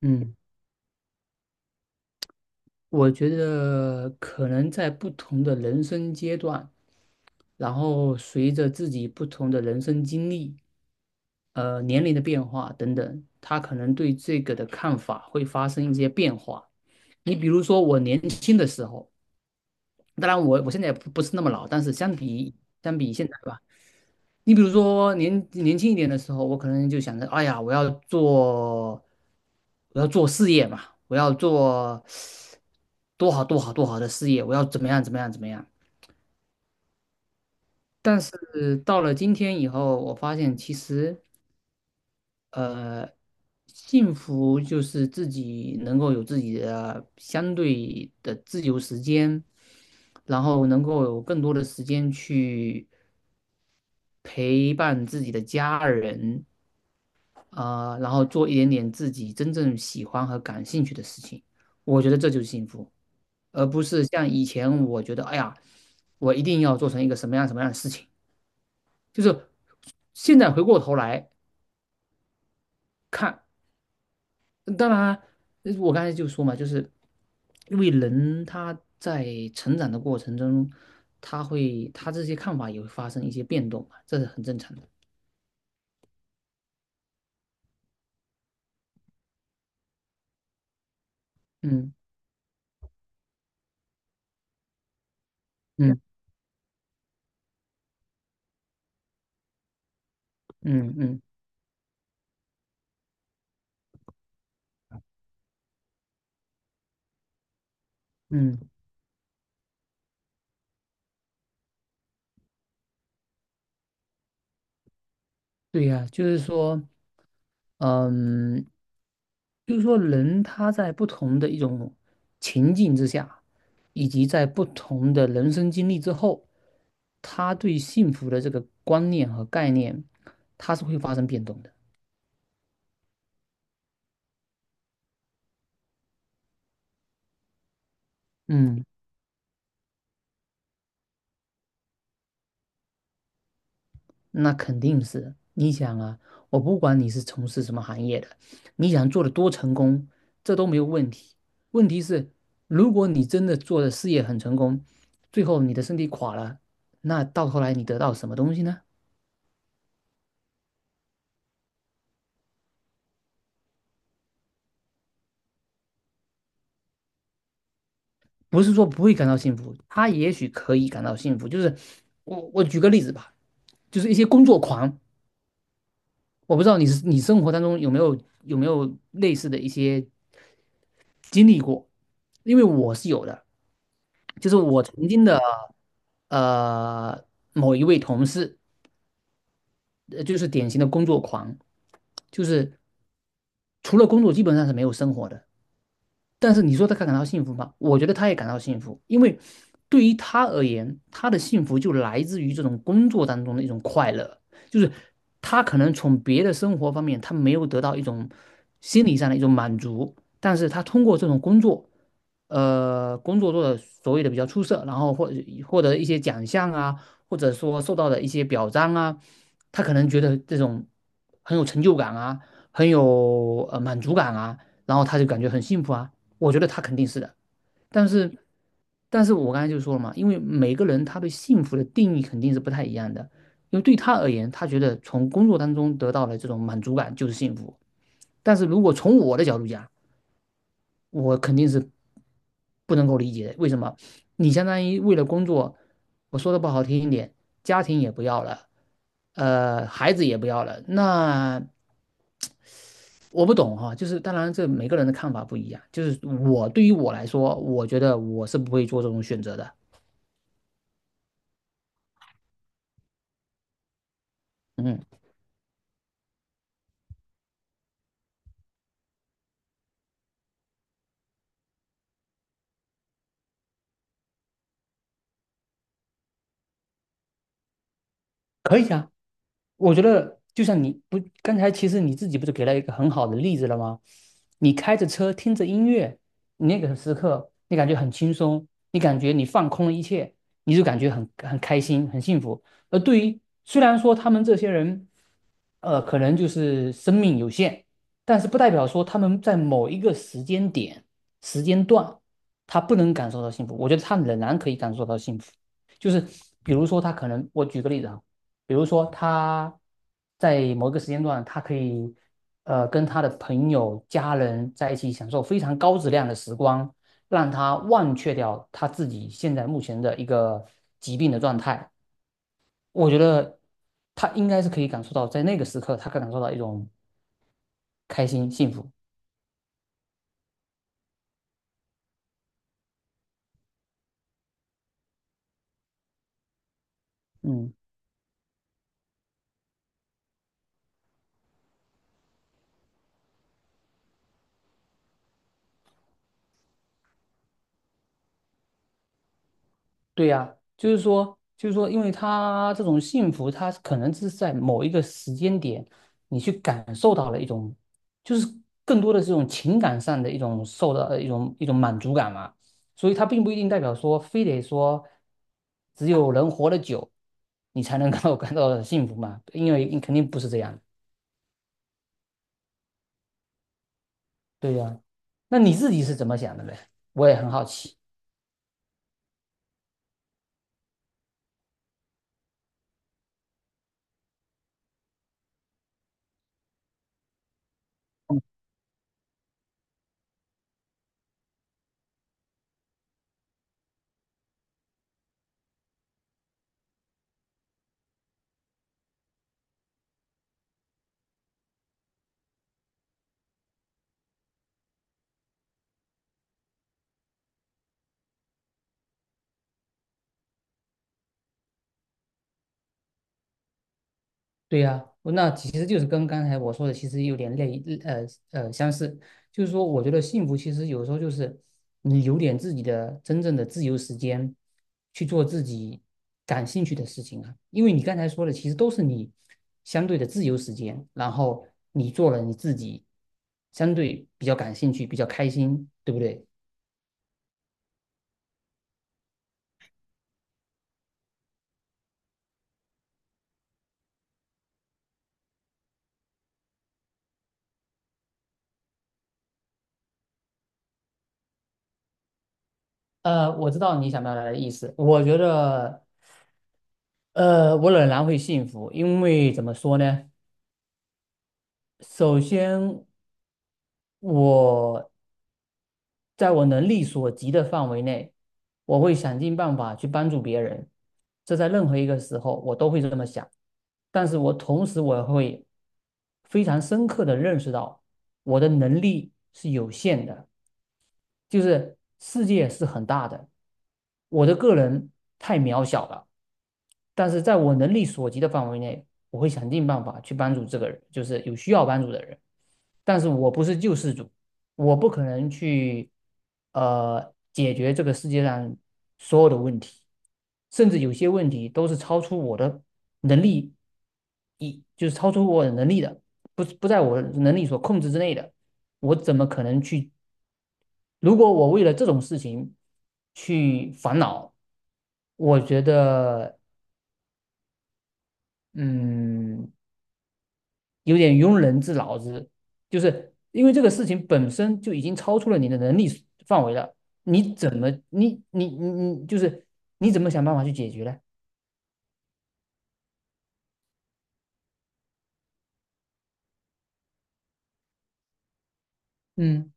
嗯，我觉得可能在不同的人生阶段，然后随着自己不同的人生经历、年龄的变化等等，他可能对这个的看法会发生一些变化。你比如说，我年轻的时候，当然我现在也不是那么老，但是相比现在吧。你比如说年轻一点的时候，我可能就想着，哎呀，我要做，我要做事业嘛，我要做多好的事业，我要怎么样。但是到了今天以后，我发现其实呃，幸福就是自己能够有自己的相对的自由时间，然后能够有更多的时间去陪伴自己的家人，啊，然后做一点点自己真正喜欢和感兴趣的事情，我觉得这就是幸福，而不是像以前我觉得，哎呀，我一定要做成一个什么样的事情。就是现在回过头来看，当然，我刚才就说嘛，就是因为人他在成长的过程中，他这些看法也会发生一些变动嘛，这是很正常的。嗯嗯嗯嗯嗯，对呀，就是说。嗯，就是说人他在不同的一种情境之下，以及在不同的人生经历之后，他对幸福的这个观念和概念，它是会发生变动的。嗯，那肯定是。你想啊，我不管你是从事什么行业的，你想做的多成功，这都没有问题。问题是，如果你真的做的事业很成功，最后你的身体垮了，那到头来你得到什么东西呢？不是说不会感到幸福，他也许可以感到幸福。就是我举个例子吧，就是一些工作狂，我不知道你是你生活当中有没有类似的一些经历过，因为我是有的，就是我曾经的呃某一位同事，就是典型的工作狂，就是除了工作基本上是没有生活的。但是你说他感到幸福吗？我觉得他也感到幸福，因为对于他而言，他的幸福就来自于这种工作当中的一种快乐，就是他可能从别的生活方面他没有得到一种心理上的一种满足，但是他通过这种工作。工作做的所谓的比较出色，然后或获得一些奖项啊，或者说受到的一些表彰啊，他可能觉得这种很有成就感啊，很有满足感啊，然后他就感觉很幸福啊。我觉得他肯定是的，但是我刚才就说了嘛，因为每个人他对幸福的定义肯定是不太一样的。因为对他而言，他觉得从工作当中得到了这种满足感就是幸福。但是如果从我的角度讲，我肯定是不能够理解的。为什么？你相当于为了工作，我说的不好听一点，家庭也不要了，孩子也不要了。那我不懂哈，就是当然这每个人的看法不一样。就是我对于我来说，我觉得我是不会做这种选择的。嗯，可以啊。我觉得就像你不，刚才其实你自己不是给了一个很好的例子了吗？你开着车听着音乐，你那个时刻你感觉很轻松，你感觉你放空了一切，你就感觉很开心、很幸福。而对于虽然说他们这些人，可能就是生命有限，但是不代表说他们在某一个时间点、时间段，他不能感受到幸福。我觉得他仍然可以感受到幸福。就是比如说，他可能我举个例子啊。比如说他在某一个时间段，他可以跟他的朋友、家人在一起享受非常高质量的时光，让他忘却掉他自己现在目前的一个疾病的状态。我觉得他应该是可以感受到，在那个时刻，他可以感受到一种开心、幸福。嗯。对呀，就是说，因为他这种幸福，他可能是在某一个时间点，你去感受到了一种，就是更多的这种情感上的一种受到一种满足感嘛。所以它并不一定代表说，非得说，只有人活得久，你才能够 感到幸福嘛。因为肯定不是这样的。对呀，那你自己是怎么想的呢？我也很好奇。对呀，那其实就是跟刚才我说的，其实有点类呃相似。就是说，我觉得幸福其实有时候就是你有点自己的真正的自由时间，去做自己感兴趣的事情啊。因为你刚才说的，其实都是你相对的自由时间，然后你做了你自己相对比较感兴趣、比较开心，对不对？我知道你想表达的意思。我觉得，我仍然会幸福，因为怎么说呢？首先，我在我能力所及的范围内，我会想尽办法去帮助别人。这在任何一个时候我都会这么想，但是我同时我会非常深刻的认识到我的能力是有限的，就是世界是很大的，我的个人太渺小了。但是在我能力所及的范围内，我会想尽办法去帮助这个人，就是有需要帮助的人。但是我不是救世主，我不可能去解决这个世界上所有的问题，甚至有些问题都是超出我的能力，就是超出我的能力的，不在我能力所控制之内的，我怎么可能去？如果我为了这种事情去烦恼，我觉得。嗯，有点庸人自扰之，就是因为这个事情本身就已经超出了你的能力范围了，你怎么你你你你就是你怎么想办法去解决呢？嗯，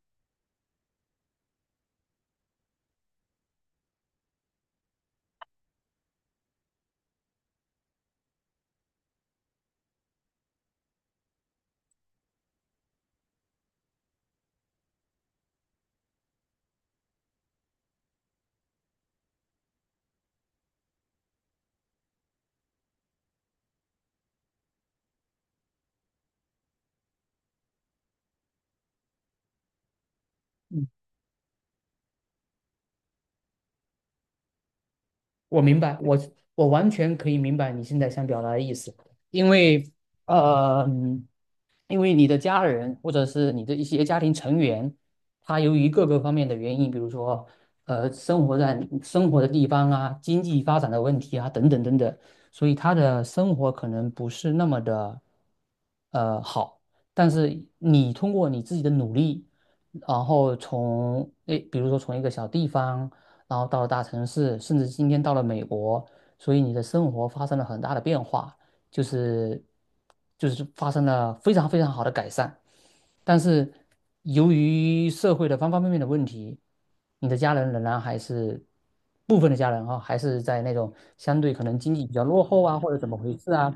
我明白，我完全可以明白你现在想表达的意思，因为呃，因为你的家人或者是你的一些家庭成员，他由于各个方面的原因，比如说生活在生活的地方啊、经济发展的问题啊等等等等，所以他的生活可能不是那么的好。但是你通过你自己的努力，然后从诶，比如说从一个小地方，然后到了大城市，甚至今天到了美国，所以你的生活发生了很大的变化。就是就是发生了非常非常好的改善，但是由于社会的方方面面的问题，你的家人仍然还是部分的家人哈，还是在那种相对可能经济比较落后啊，或者怎么回事啊，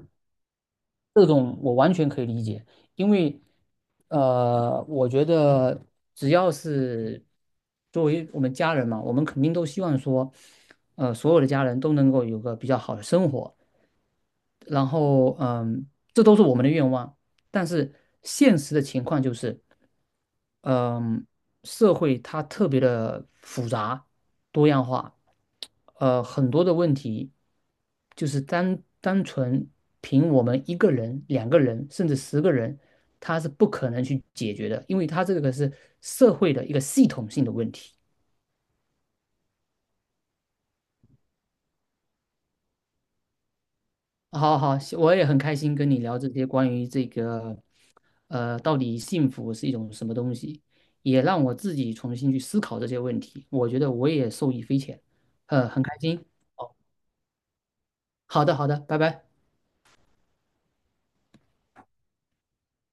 这种我完全可以理解，因为我觉得只要是作为我们家人嘛，我们肯定都希望说，所有的家人都能够有个比较好的生活。然后嗯，这都是我们的愿望，但是现实的情况就是，嗯，社会它特别的复杂、多样化，很多的问题就是单纯凭我们一个人、两个人，甚至十个人，他是不可能去解决的，因为他这个是社会的一个系统性的问题。好好，我也很开心跟你聊这些关于这个，到底幸福是一种什么东西，也让我自己重新去思考这些问题。我觉得我也受益匪浅，很开心。哦，好的，好的，拜拜。